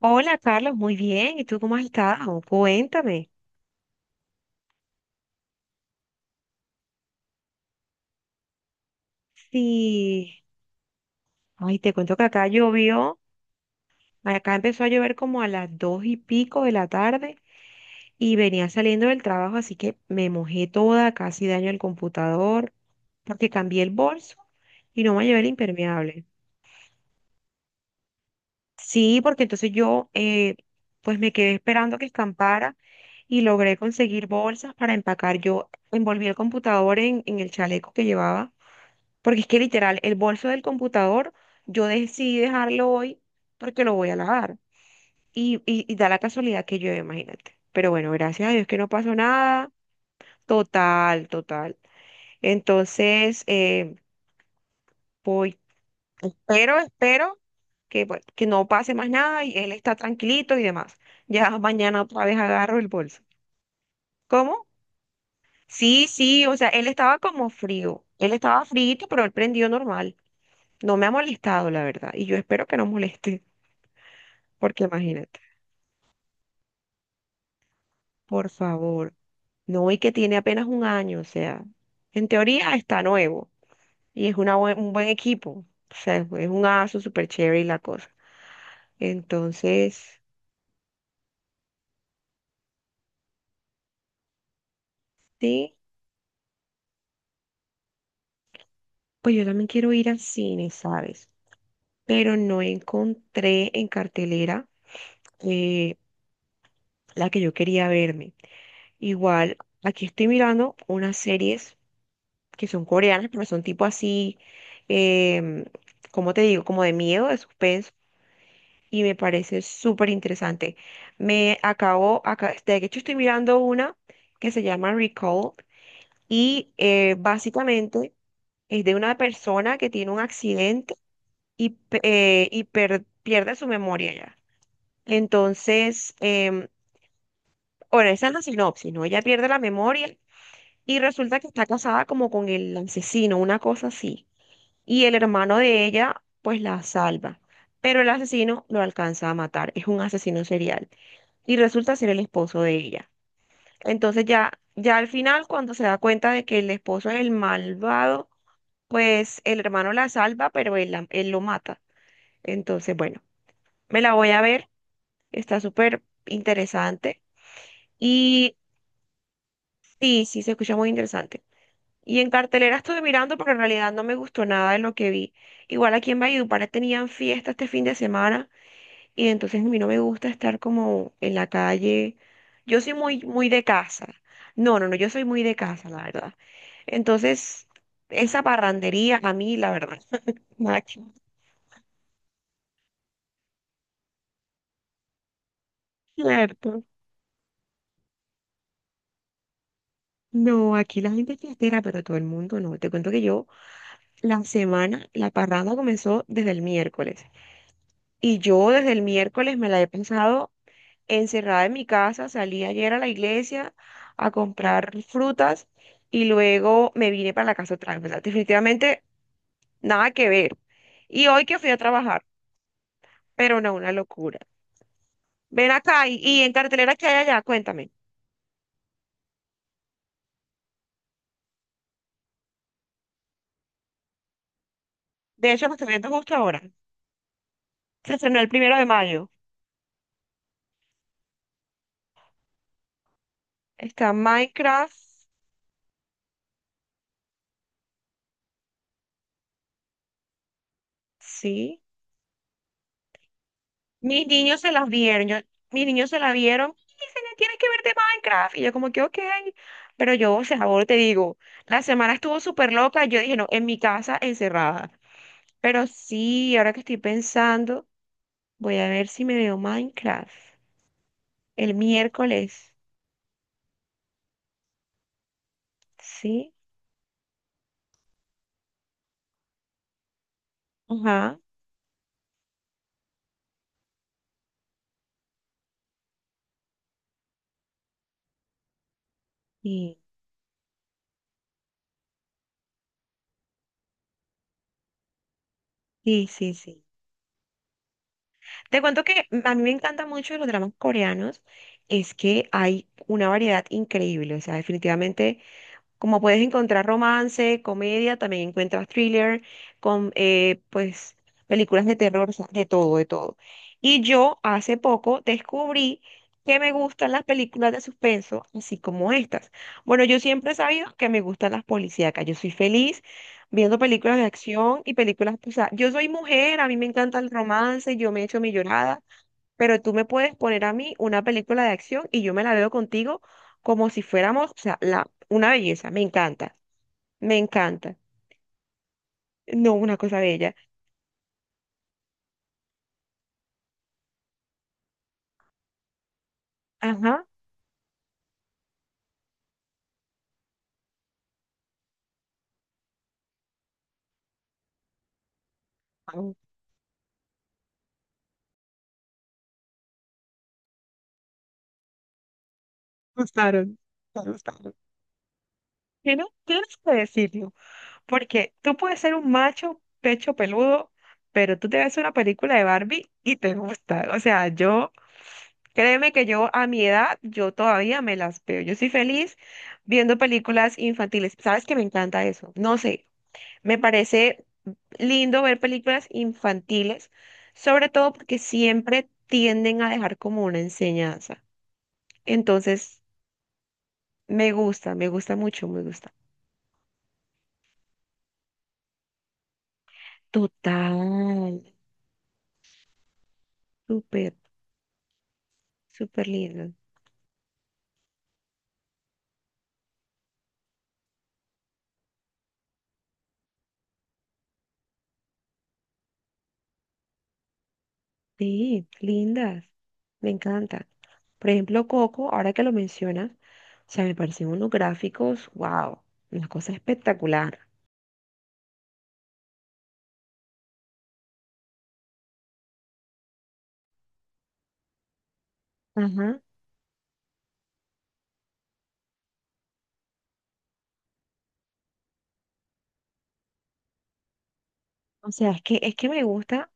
Hola Carlos, muy bien. ¿Y tú cómo has estado? Cuéntame. Sí, ay, te cuento que acá llovió, acá empezó a llover como a las dos y pico de la tarde y venía saliendo del trabajo, así que me mojé toda, casi daño el computador, porque cambié el bolso y no me llevé el impermeable. Sí, porque entonces yo pues me quedé esperando que escampara y logré conseguir bolsas para empacar. Yo envolví el computador en el chaleco que llevaba. Porque es que literal, el bolso del computador, yo decidí dejarlo hoy porque lo voy a lavar. Y da la casualidad que llueve, imagínate. Pero bueno, gracias a Dios que no pasó nada. Total, total. Entonces, voy. Pero espero que, bueno, que no pase más nada y él está tranquilito y demás. Ya mañana otra vez agarro el bolso. ¿Cómo? Sí, sí, o sea, él estaba como frío. Él estaba frío, pero él prendió normal. No me ha molestado, la verdad. Y yo espero que no moleste. Porque imagínate, por favor, no, y que tiene apenas un año, o sea, en teoría está nuevo y es un buen equipo, o sea, es un aso súper chévere y la cosa. Entonces, sí, pues yo también quiero ir al cine, ¿sabes? Pero no encontré en cartelera eh, la que yo quería verme. Igual, aquí estoy mirando unas series que son coreanas, pero son tipo así, em, ¿cómo te digo? Como de miedo, de suspenso y me parece súper interesante. Me acabo, acá, de hecho estoy mirando una que se llama Recall y básicamente es de una persona que tiene un accidente y pierde su memoria ya. Entonces, bueno, esa es la sinopsis, ¿no? Ella pierde la memoria y resulta que está casada como con el asesino, una cosa así. Y el hermano de ella pues la salva, pero el asesino lo alcanza a matar, es un asesino serial y resulta ser el esposo de ella. Entonces ya, ya al final cuando se da cuenta de que el esposo es el malvado, pues el hermano la salva, pero él lo mata. Entonces, bueno, me la voy a ver, está súper interesante y sí, sí, se escucha muy interesante. Y en cartelera estuve mirando, pero en realidad no me gustó nada de lo que vi. Igual aquí en Valledupar tenían fiesta este fin de semana. Y entonces a mí no me gusta estar como en la calle. Yo soy muy, muy de casa. No, no, no, yo soy muy de casa, la verdad. Entonces, esa parrandería a mí, la verdad, nada que ver, ¿cierto? No, aquí la gente es fiestera, pero todo el mundo no. Te cuento que yo, la semana, la parranda comenzó desde el miércoles. Y yo desde el miércoles me la he pensado encerrada en mi casa, salí ayer a la iglesia a comprar frutas y luego me vine para la casa otra vez. O sea, definitivamente nada que ver. Y hoy que fui a trabajar, pero no, una locura. Ven acá y en cartelera que hay allá, cuéntame. De hecho, lo estoy viendo justo ahora. Se estrenó el 1 de mayo. Está Minecraft, sí. Mis niños se las vieron, mis niños se la vieron y se le tiene que ver de Minecraft. Y yo como que, ok, pero yo, o sea, ahora te digo, la semana estuvo súper loca, yo dije, no, en mi casa encerrada. Pero sí, ahora que estoy pensando, voy a ver si me veo Minecraft el miércoles, ¿sí? Ajá, sí, sí, sí, sí. Te cuento que a mí me encanta mucho de los dramas coreanos, es que hay una variedad increíble, o sea, definitivamente. Como puedes encontrar romance, comedia, también encuentras thriller, con pues películas de terror, o sea, de todo, de todo. Y yo hace poco descubrí que me gustan las películas de suspenso, así como estas. Bueno, yo siempre he sabido que me gustan las policíacas. Yo soy feliz viendo películas de acción y películas, o sea, yo soy mujer, a mí me encanta el romance, yo me echo mi llorada, pero tú me puedes poner a mí una película de acción y yo me la veo contigo como si fuéramos, o sea, la, una belleza, me encanta, me encanta. No, una cosa bella. Ajá, ah, me gustaron, me gustaron. Tienes, tienes que decirlo, porque tú puedes ser un macho pecho peludo, pero tú te ves una película de Barbie y te gusta. O sea, yo... Créeme que yo a mi edad, yo todavía me las veo. Yo soy feliz viendo películas infantiles. ¿Sabes que me encanta eso? No sé, me parece lindo ver películas infantiles, sobre todo porque siempre tienden a dejar como una enseñanza. Entonces, me gusta mucho, me gusta. Total, súper, súper lindas. Sí, lindas, me encantan. Por ejemplo, Coco, ahora que lo mencionas, o sea, me parecen unos gráficos, wow, una cosa espectacular. Ajá. O sea, es que me gusta.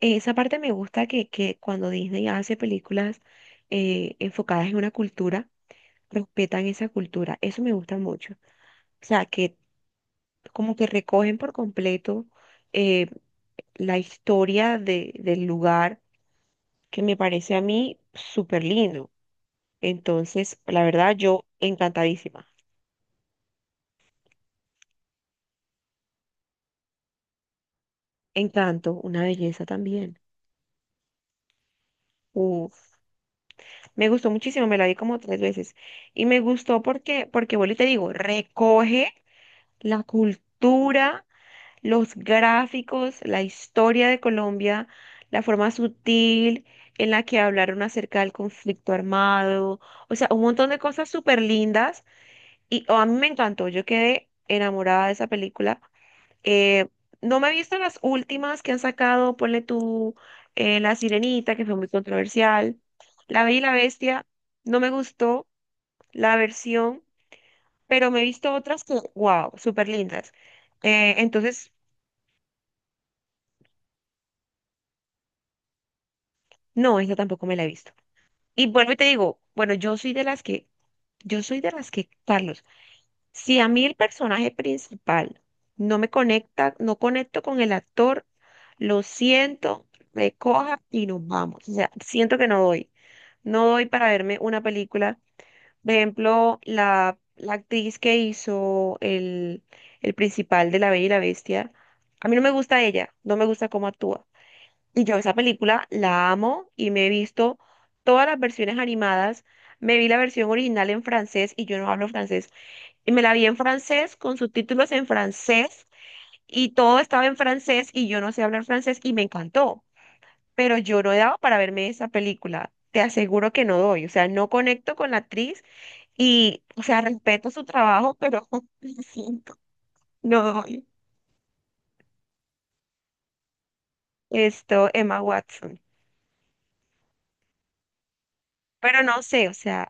Esa parte me gusta que cuando Disney hace películas enfocadas en una cultura, respetan esa cultura. Eso me gusta mucho. O sea, que como que recogen por completo eh, la historia del lugar, que me parece a mí súper lindo. Entonces, la verdad, yo encantadísima. Encanto, una belleza también. Uf, me gustó muchísimo, me la vi como tres veces. Y me gustó porque, porque vuelvo y te digo, recoge la cultura, los gráficos, la historia de Colombia, la forma sutil en la que hablaron acerca del conflicto armado, o sea, un montón de cosas súper lindas y oh, a mí me encantó, yo quedé enamorada de esa película. Eh, no me he visto las últimas que han sacado, ponle tú La Sirenita, que fue muy controversial, La Bella y la Bestia, no me gustó la versión, pero me he visto otras que, wow, súper lindas. Entonces... No, esa tampoco me la he visto. Y vuelvo y te digo, bueno, yo soy de las que, yo soy de las que, Carlos, si a mí el personaje principal no me conecta, no conecto con el actor, lo siento, me coja y nos vamos. O sea, siento que no doy, no doy para verme una película. Por ejemplo, la actriz que hizo el principal de La Bella y la Bestia, a mí no me gusta ella, no me gusta cómo actúa. Y yo esa película la amo y me he visto todas las versiones animadas. Me vi la versión original en francés y yo no hablo francés. Y me la vi en francés con subtítulos en francés y todo estaba en francés y yo no sé hablar francés y me encantó. Pero yo no he dado para verme esa película. Te aseguro que no doy. O sea, no conecto con la actriz y, o sea, respeto su trabajo, pero lo siento, no doy. Esto, Emma Watson. Pero no sé, o sea.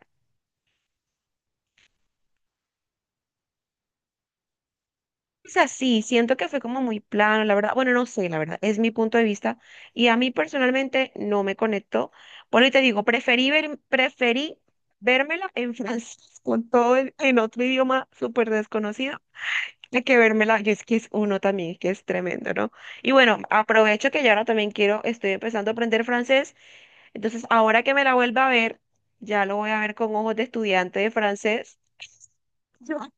Sea, sí, siento que fue como muy plano, la verdad. Bueno, no sé, la verdad, es mi punto de vista. Y a mí personalmente no me conectó. Por eso te digo, preferí ver, preferí vérmela en francés con en otro idioma súper desconocido. Hay que vérmela, y es que es uno también, que es tremendo, ¿no? Y bueno, aprovecho que ya ahora también quiero, estoy empezando a aprender francés, entonces ahora que me la vuelva a ver, ya lo voy a ver con ojos de estudiante de francés.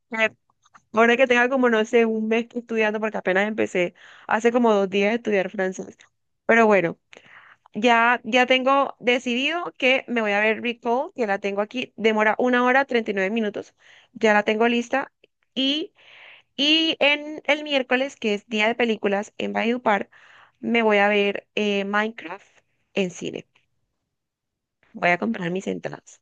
Ahora que tenga como, no sé, un mes estudiando, porque apenas empecé hace como 2 días a estudiar francés. Pero bueno, ya, ya tengo decidido que me voy a ver Recall, que la tengo aquí, demora una hora 39 minutos, ya la tengo lista. Y, y en el miércoles, que es día de películas en Valledupar, me voy a ver Minecraft en cine. Voy a comprar mis entradas.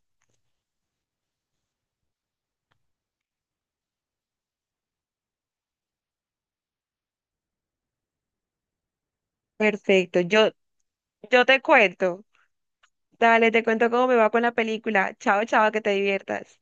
Perfecto, yo te cuento. Dale, te cuento cómo me va con la película. Chao, chao, que te diviertas.